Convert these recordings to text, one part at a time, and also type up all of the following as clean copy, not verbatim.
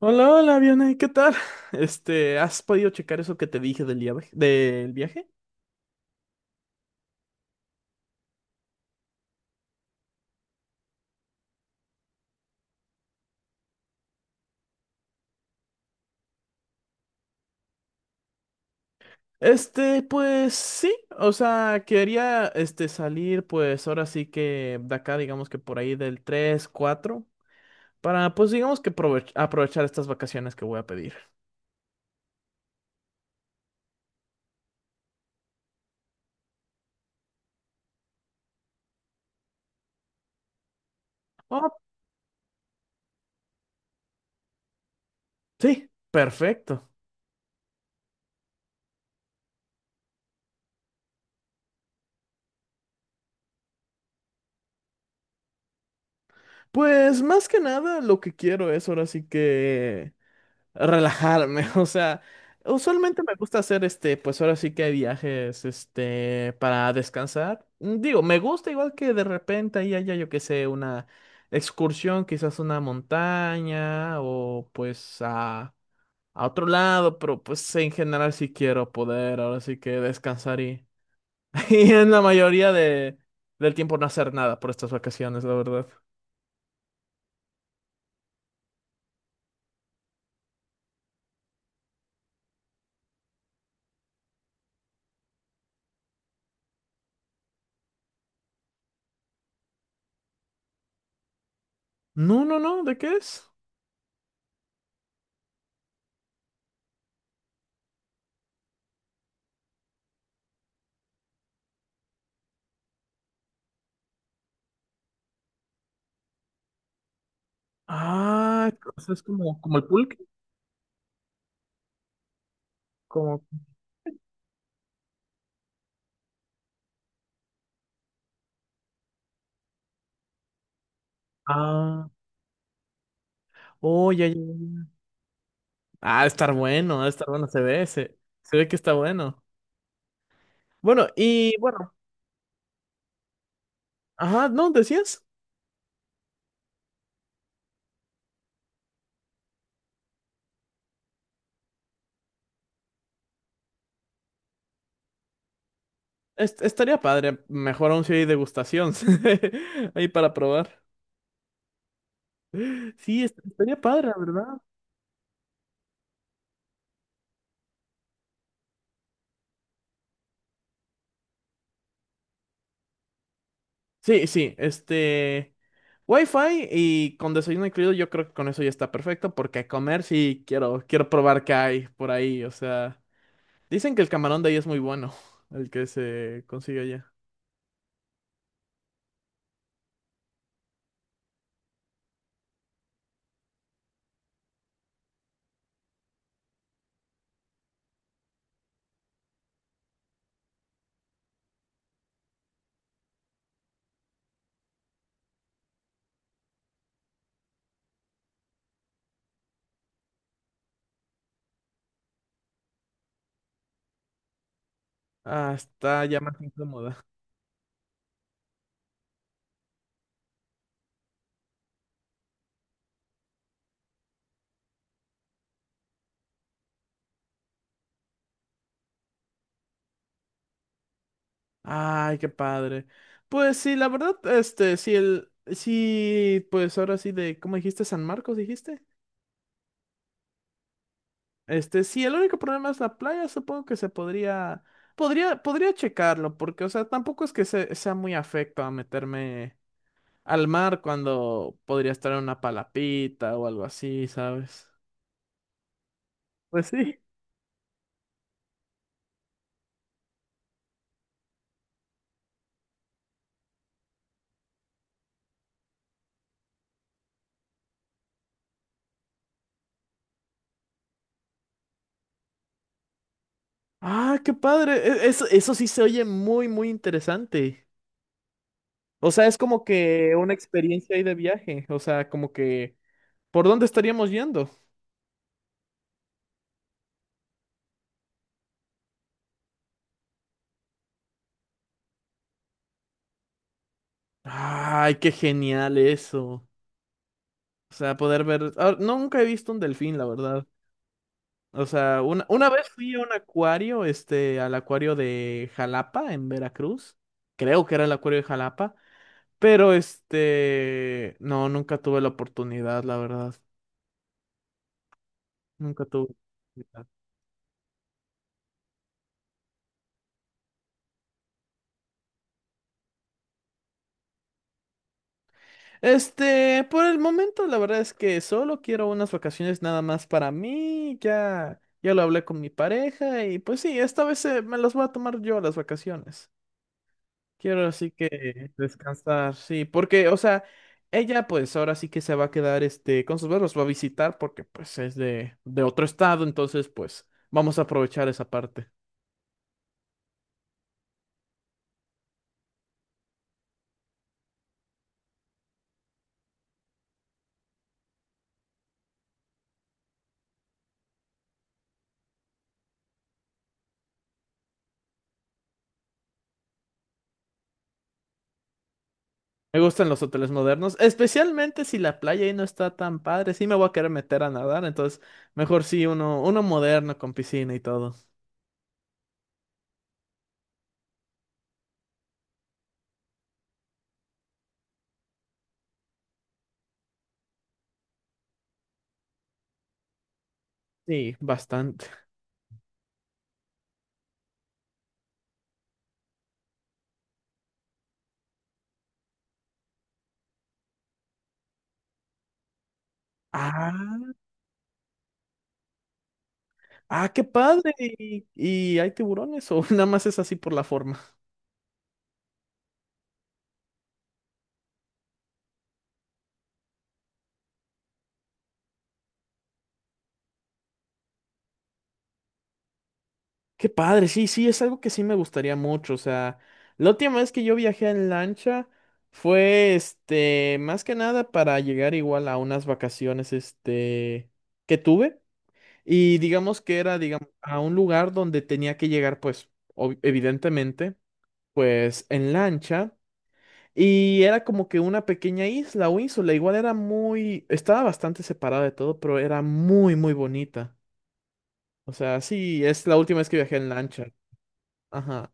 Hola, hola, Vianey, ¿qué tal? ¿Has podido checar eso que te dije del viaje? ¿Del viaje? Pues sí, o sea, quería salir pues ahora sí que de acá, digamos que por ahí del 3 4 para pues digamos que aprovechar estas vacaciones que voy a pedir. Oh, sí, perfecto. Pues más que nada lo que quiero es ahora sí que relajarme, o sea, usualmente me gusta hacer pues ahora sí que hay viajes, para descansar. Mm, digo, me gusta igual que de repente ahí haya, yo qué sé, una excursión, quizás una montaña o a otro lado, pero pues en general sí quiero poder, ahora sí que descansar y, y en la del tiempo no hacer nada por estas vacaciones, la verdad. No, no, no, ¿de qué es? Ah, o sea, es como, como el pulque. Como ah, oh, ya, ya, ya. Ah, ha de estar bueno, ha de estar bueno, se ve, se ve que está bueno. Bueno, y bueno, ajá, no, decías, estaría padre, mejor aún si hay degustación ahí para probar. Sí, estaría padre, la ¿verdad? Sí, sí, Wi-Fi y con desayuno incluido, yo creo que con eso ya está perfecto, porque a comer sí quiero, quiero probar qué hay por ahí, o sea, dicen que el camarón de ahí es muy bueno, el que se consigue allá. Ah, está ya más incómoda. Ay, qué padre. Pues sí, la verdad, sí, el, sí, pues ahora sí de, ¿cómo dijiste? San Marcos, dijiste. Sí, el único problema es la playa, supongo que podría checarlo, porque, o sea, tampoco es que sea muy afecto a meterme al mar cuando podría estar en una palapita o algo así, ¿sabes? Pues sí. Ah, qué padre. Eso, eso sí se oye muy, muy interesante. O sea, es como que una experiencia ahí de viaje. O sea, como que ¿por dónde estaríamos yendo? Ay, qué genial eso. O sea, poder ver. Ah, no, nunca he visto un delfín, la verdad. O sea, una vez fui a un acuario, al acuario de Jalapa, en Veracruz. Creo que era el acuario de Jalapa. Pero no, nunca tuve la oportunidad, la verdad. Nunca tuve. Por el momento, la verdad es que solo quiero unas vacaciones nada más para mí. Ya lo hablé con mi pareja y pues sí, esta vez me las voy a tomar yo las vacaciones. Quiero así que descansar, sí, porque, o sea, ella pues ahora sí que se va a quedar, con sus perros, va a visitar porque pues es de otro estado, entonces pues vamos a aprovechar esa parte. Me gustan los hoteles modernos, especialmente si la playa ahí no está tan padre. Sí me voy a querer meter a nadar, entonces mejor sí uno moderno con piscina y todo. Sí, bastante. Ah, ah, qué padre. Y hay tiburones o nada más es así por la forma? Qué padre, sí, sí, es algo que sí me gustaría mucho. O sea, la última vez que yo viajé en lancha fue, más que nada para llegar igual a unas vacaciones, que tuve. Y digamos que era, digamos, a un lugar donde tenía que llegar, pues, evidentemente, pues, en lancha. Y era como que una pequeña isla o ínsula. Igual era muy, estaba bastante separada de todo, pero era muy, muy bonita. O sea, sí, es la última vez que viajé en lancha. Ajá.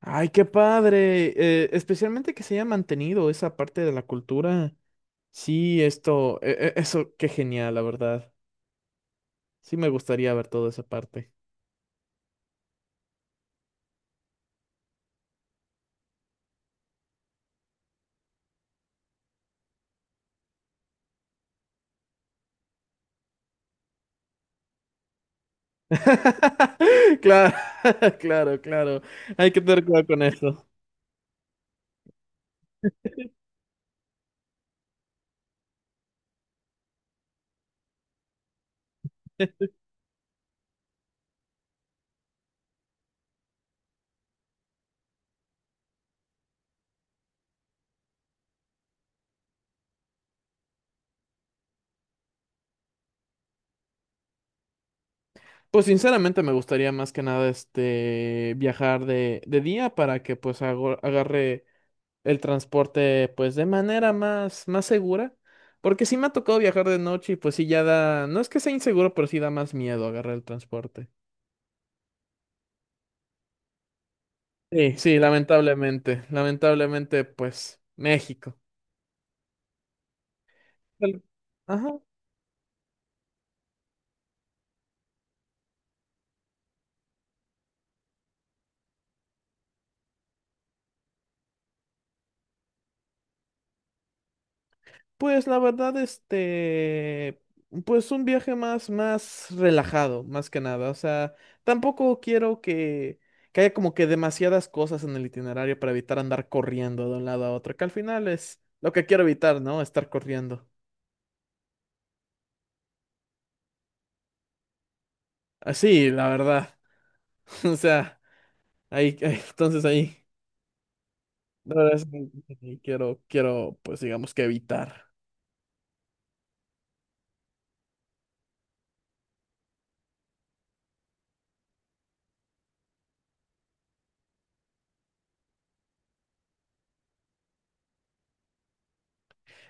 Ay, qué padre. Especialmente que se haya mantenido esa parte de la cultura. Sí, esto, eso, qué genial, la verdad. Sí, me gustaría ver toda esa parte. Claro, claro, claro. Hay que tener cuidado con eso. Pues sinceramente me gustaría más que nada viajar de día para que pues agarre el transporte pues de manera más, más segura. Porque sí me ha tocado viajar de noche y pues sí ya da, no es que sea inseguro, pero sí da más miedo agarrar el transporte. Sí, sí, lamentablemente, lamentablemente pues México. Tal- ajá. Pues la verdad, pues un viaje más, más relajado, más que nada. O sea, tampoco quiero que haya como que demasiadas cosas en el itinerario para evitar andar corriendo de un lado a otro, que al final es lo que quiero evitar, ¿no? Estar corriendo. Así, la verdad. O sea, entonces ahí, la verdad es que sí quiero, quiero, pues digamos que evitar.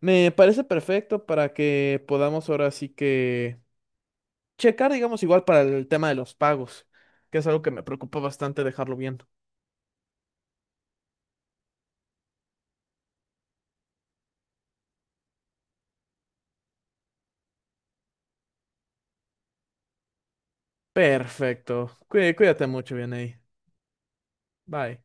Me parece perfecto para que podamos ahora sí que checar, digamos, igual para el tema de los pagos, que es algo que me preocupa bastante dejarlo viendo. Perfecto. Cuídate mucho, bien ahí. Bye.